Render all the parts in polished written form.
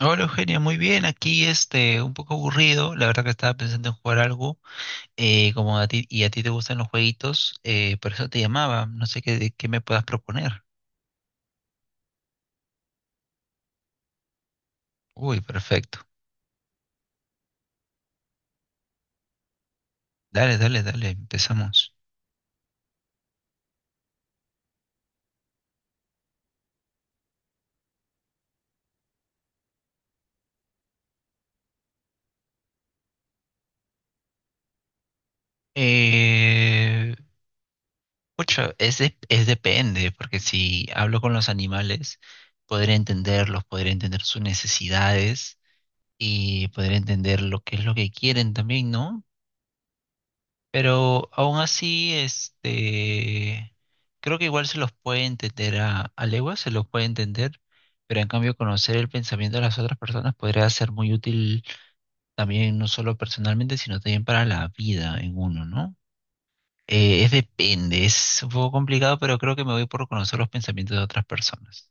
Hola, Eugenia, muy bien, aquí este, un poco aburrido, la verdad que estaba pensando en jugar algo, como a ti, y a ti te gustan los jueguitos, por eso te llamaba, no sé qué, de qué me puedas proponer. Uy, perfecto, dale, dale, dale, empezamos. Eh, Pucha, es depende, porque si hablo con los animales, podré entenderlos, podré entender sus necesidades y podré entender lo que es lo que quieren también, ¿no? Pero aún así, este, creo que igual se los puede entender a leguas, se los puede entender, pero en cambio conocer el pensamiento de las otras personas podría ser muy útil también, no solo personalmente, sino también para la vida en uno, ¿no? Es depende, es un poco complicado, pero creo que me voy por conocer los pensamientos de otras personas.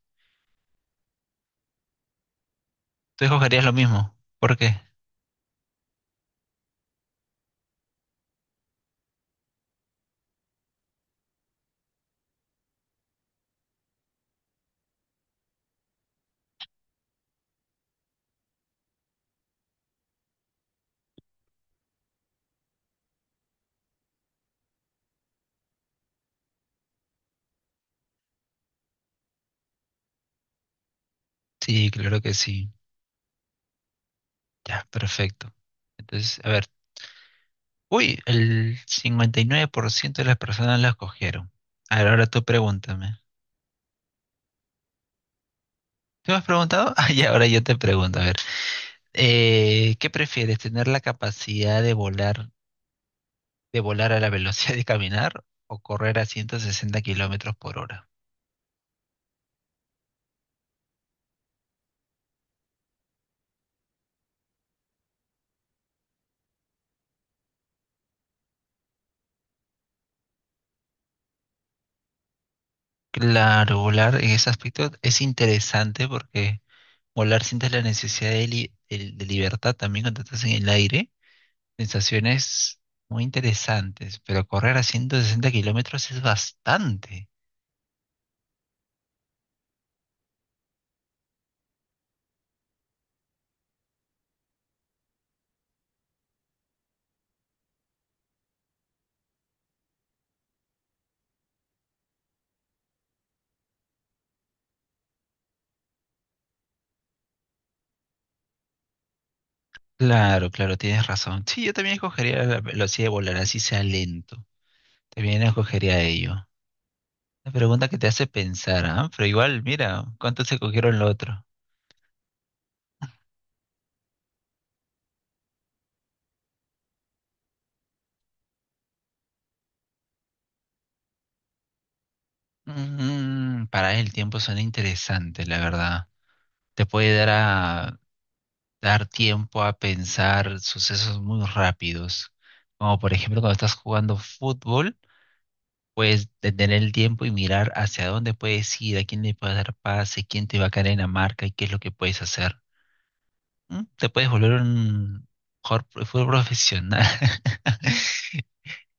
¿Tú escogerías lo mismo? ¿Por qué? Sí, claro que sí. Ya, perfecto. Entonces, a ver. Uy, el 59% de las personas la escogieron. A ver, ahora tú pregúntame. ¿Qué me has preguntado? Ah, ya, ahora yo te pregunto. A ver, ¿qué prefieres? ¿Tener la capacidad de volar a la velocidad de caminar o correr a 160 kilómetros por hora? Claro, volar en ese aspecto es interesante porque volar sientes la necesidad de, de libertad también cuando estás en el aire. Sensaciones muy interesantes, pero correr a 160 kilómetros es bastante. Claro, claro, tienes razón. Sí, yo también escogería la velocidad de volar, así sea lento. También escogería ello. La pregunta que te hace pensar, ¿ah? Pero igual, mira, ¿cuántos se cogieron lo otro? Mm, para el tiempo suena interesante, la verdad. Te puede dar a dar tiempo a pensar sucesos muy rápidos. Como por ejemplo, cuando estás jugando fútbol, puedes detener el tiempo y mirar hacia dónde puedes ir, a quién le puedes dar pase, quién te va a caer en la marca y qué es lo que puedes hacer. ¿Mm? Te puedes volver un jugador de fútbol profesional.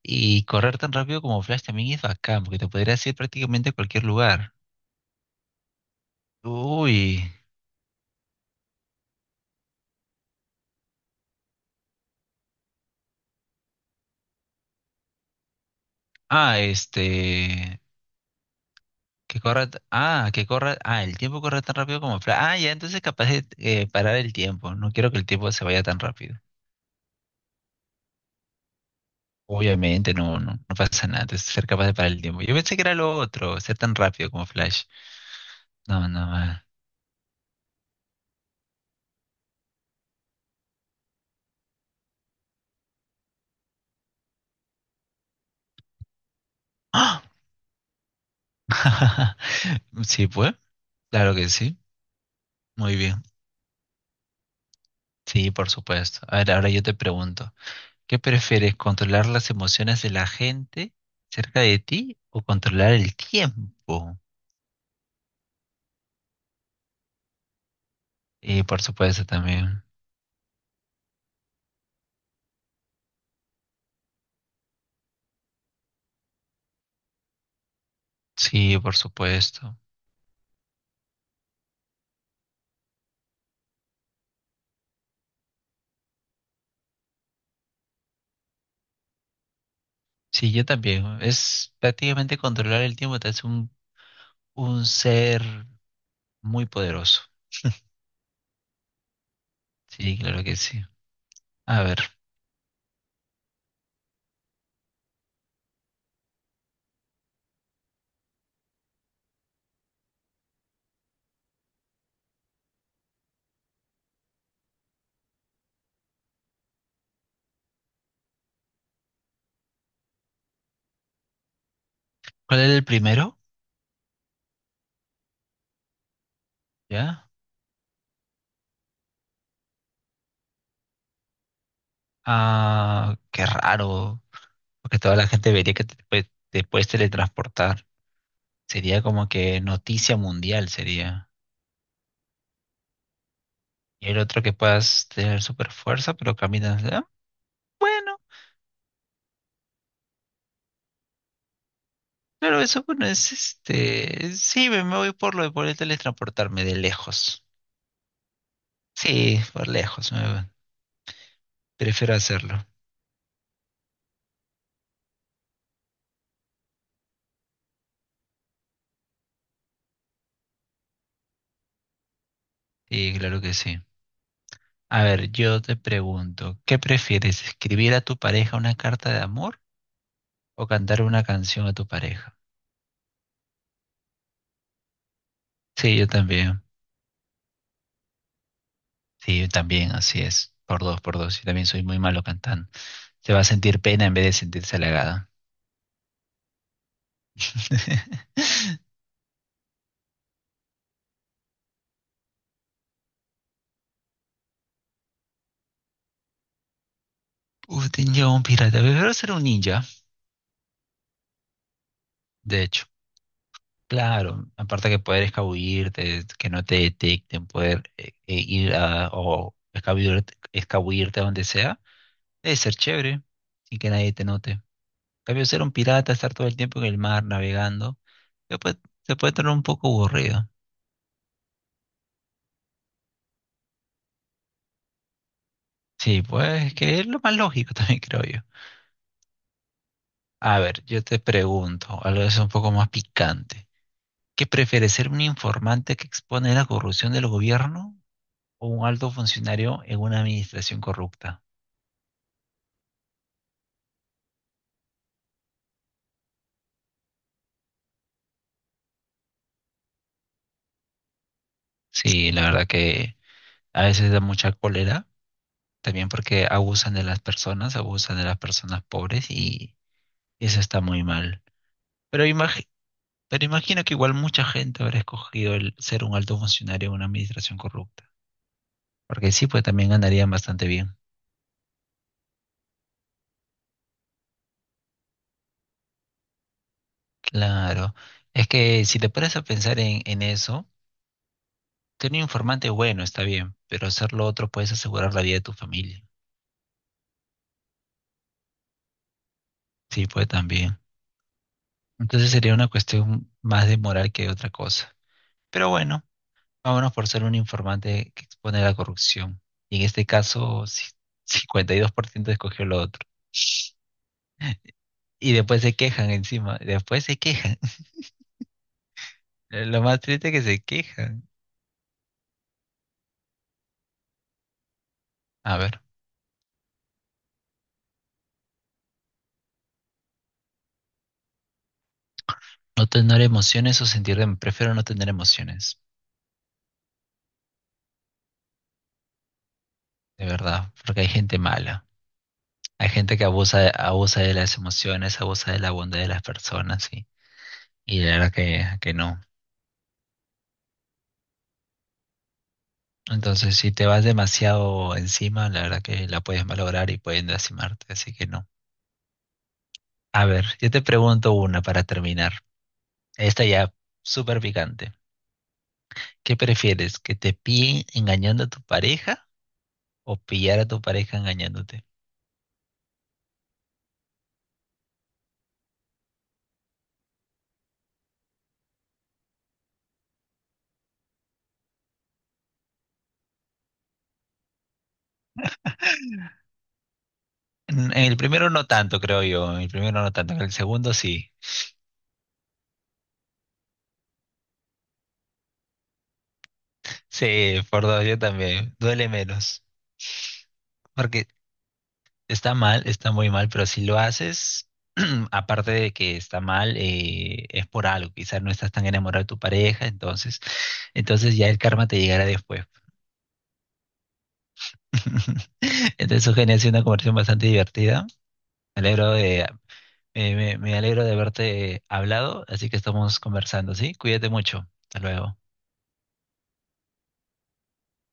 Y correr tan rápido como Flash también es bacán, porque te podrías ir prácticamente a cualquier lugar. Uy. Ah, este. Que corra. Ah, que corra. Ah, el tiempo corre tan rápido como Flash. Ah, ya, entonces capaz de parar el tiempo. No quiero que el tiempo se vaya tan rápido. Obviamente, no, no, no pasa nada. Entonces, ser capaz de parar el tiempo. Yo pensé que era lo otro, ser tan rápido como Flash. No, no. Ah. ¡Ah! Sí, pues. Claro que sí. Muy bien. Sí, por supuesto. A ver, ahora yo te pregunto, ¿qué prefieres, controlar las emociones de la gente cerca de ti o controlar el tiempo? Y por supuesto también. Sí, por supuesto. Sí, yo también. Es prácticamente controlar el tiempo, te hace un ser muy poderoso. Sí, claro que sí. A ver, ¿cuál era el primero? ¿Ya? Ah, qué raro, porque toda la gente vería que te, te puedes teletransportar. Sería como que noticia mundial sería. Y el otro que puedas tener super fuerza, pero caminas. Ah, bueno, claro, eso bueno, es este. Sí, me voy por lo de poder teletransportarme de lejos. Sí, por lejos, prefiero hacerlo. Sí, claro que sí. A ver, yo te pregunto, ¿qué prefieres? ¿Escribir a tu pareja una carta de amor o cantar una canción a tu pareja? Sí, yo también. Sí, yo también, así es. Por dos, por dos. Yo también soy muy malo cantando. Se va a sentir pena en vez de sentirse halagada. Uf, ninja un pirata. Prefiero ser un ninja, de hecho. Claro, aparte que poder escabullirte, que no te detecten, poder ir a, o escabullirte a donde sea, debe ser chévere, sin que nadie te note. En cambio, ser un pirata, estar todo el tiempo en el mar navegando, se puede, se puede tornar un poco aburrido. Sí, pues que es lo más lógico también, creo yo. A ver, yo te pregunto, algo es un poco más picante. ¿Qué prefieres, ser un informante que expone la corrupción del gobierno o un alto funcionario en una administración corrupta? Sí, la verdad que a veces da mucha cólera, también porque abusan de las personas, abusan de las personas pobres y eso está muy mal. Pero imagi- pero imagino que igual mucha gente habrá escogido el ser un alto funcionario en una administración corrupta, porque sí, pues también ganarían bastante bien. Claro, es que si te pones a pensar en eso, tener un informante bueno está bien, pero hacer lo otro puedes asegurar la vida de tu familia. Sí, puede también. Entonces sería una cuestión más de moral que de otra cosa. Pero bueno, vámonos por ser un informante que expone la corrupción. Y en este caso, sí, 52% escogió lo otro. Y después se quejan encima, después se quejan. Lo más triste es que se quejan. A ver, no tener emociones o sentir. Prefiero no tener emociones. De verdad, porque hay gente mala. Hay gente que abusa de las emociones, abusa de la bondad de las personas y la verdad que no. Entonces, si te vas demasiado encima, la verdad que la puedes malograr y pueden lastimarte, así que no. A ver, yo te pregunto una para terminar. Esta ya súper picante. ¿Qué prefieres? ¿Que te pillen engañando a tu pareja o pillar a tu pareja engañándote? En el primero no tanto, creo yo. En el primero no tanto. En el segundo sí. Sí, por dos, yo también. Duele menos. Porque está mal, está muy mal, pero si lo haces, aparte de que está mal, es por algo. Quizás no estás tan enamorado de tu pareja, entonces, ya el karma te llegará después. Entonces, Eugenia, ha sido una conversación bastante divertida. Me alegro de, me alegro de haberte hablado, así que estamos conversando, ¿sí? Cuídate mucho. Hasta luego.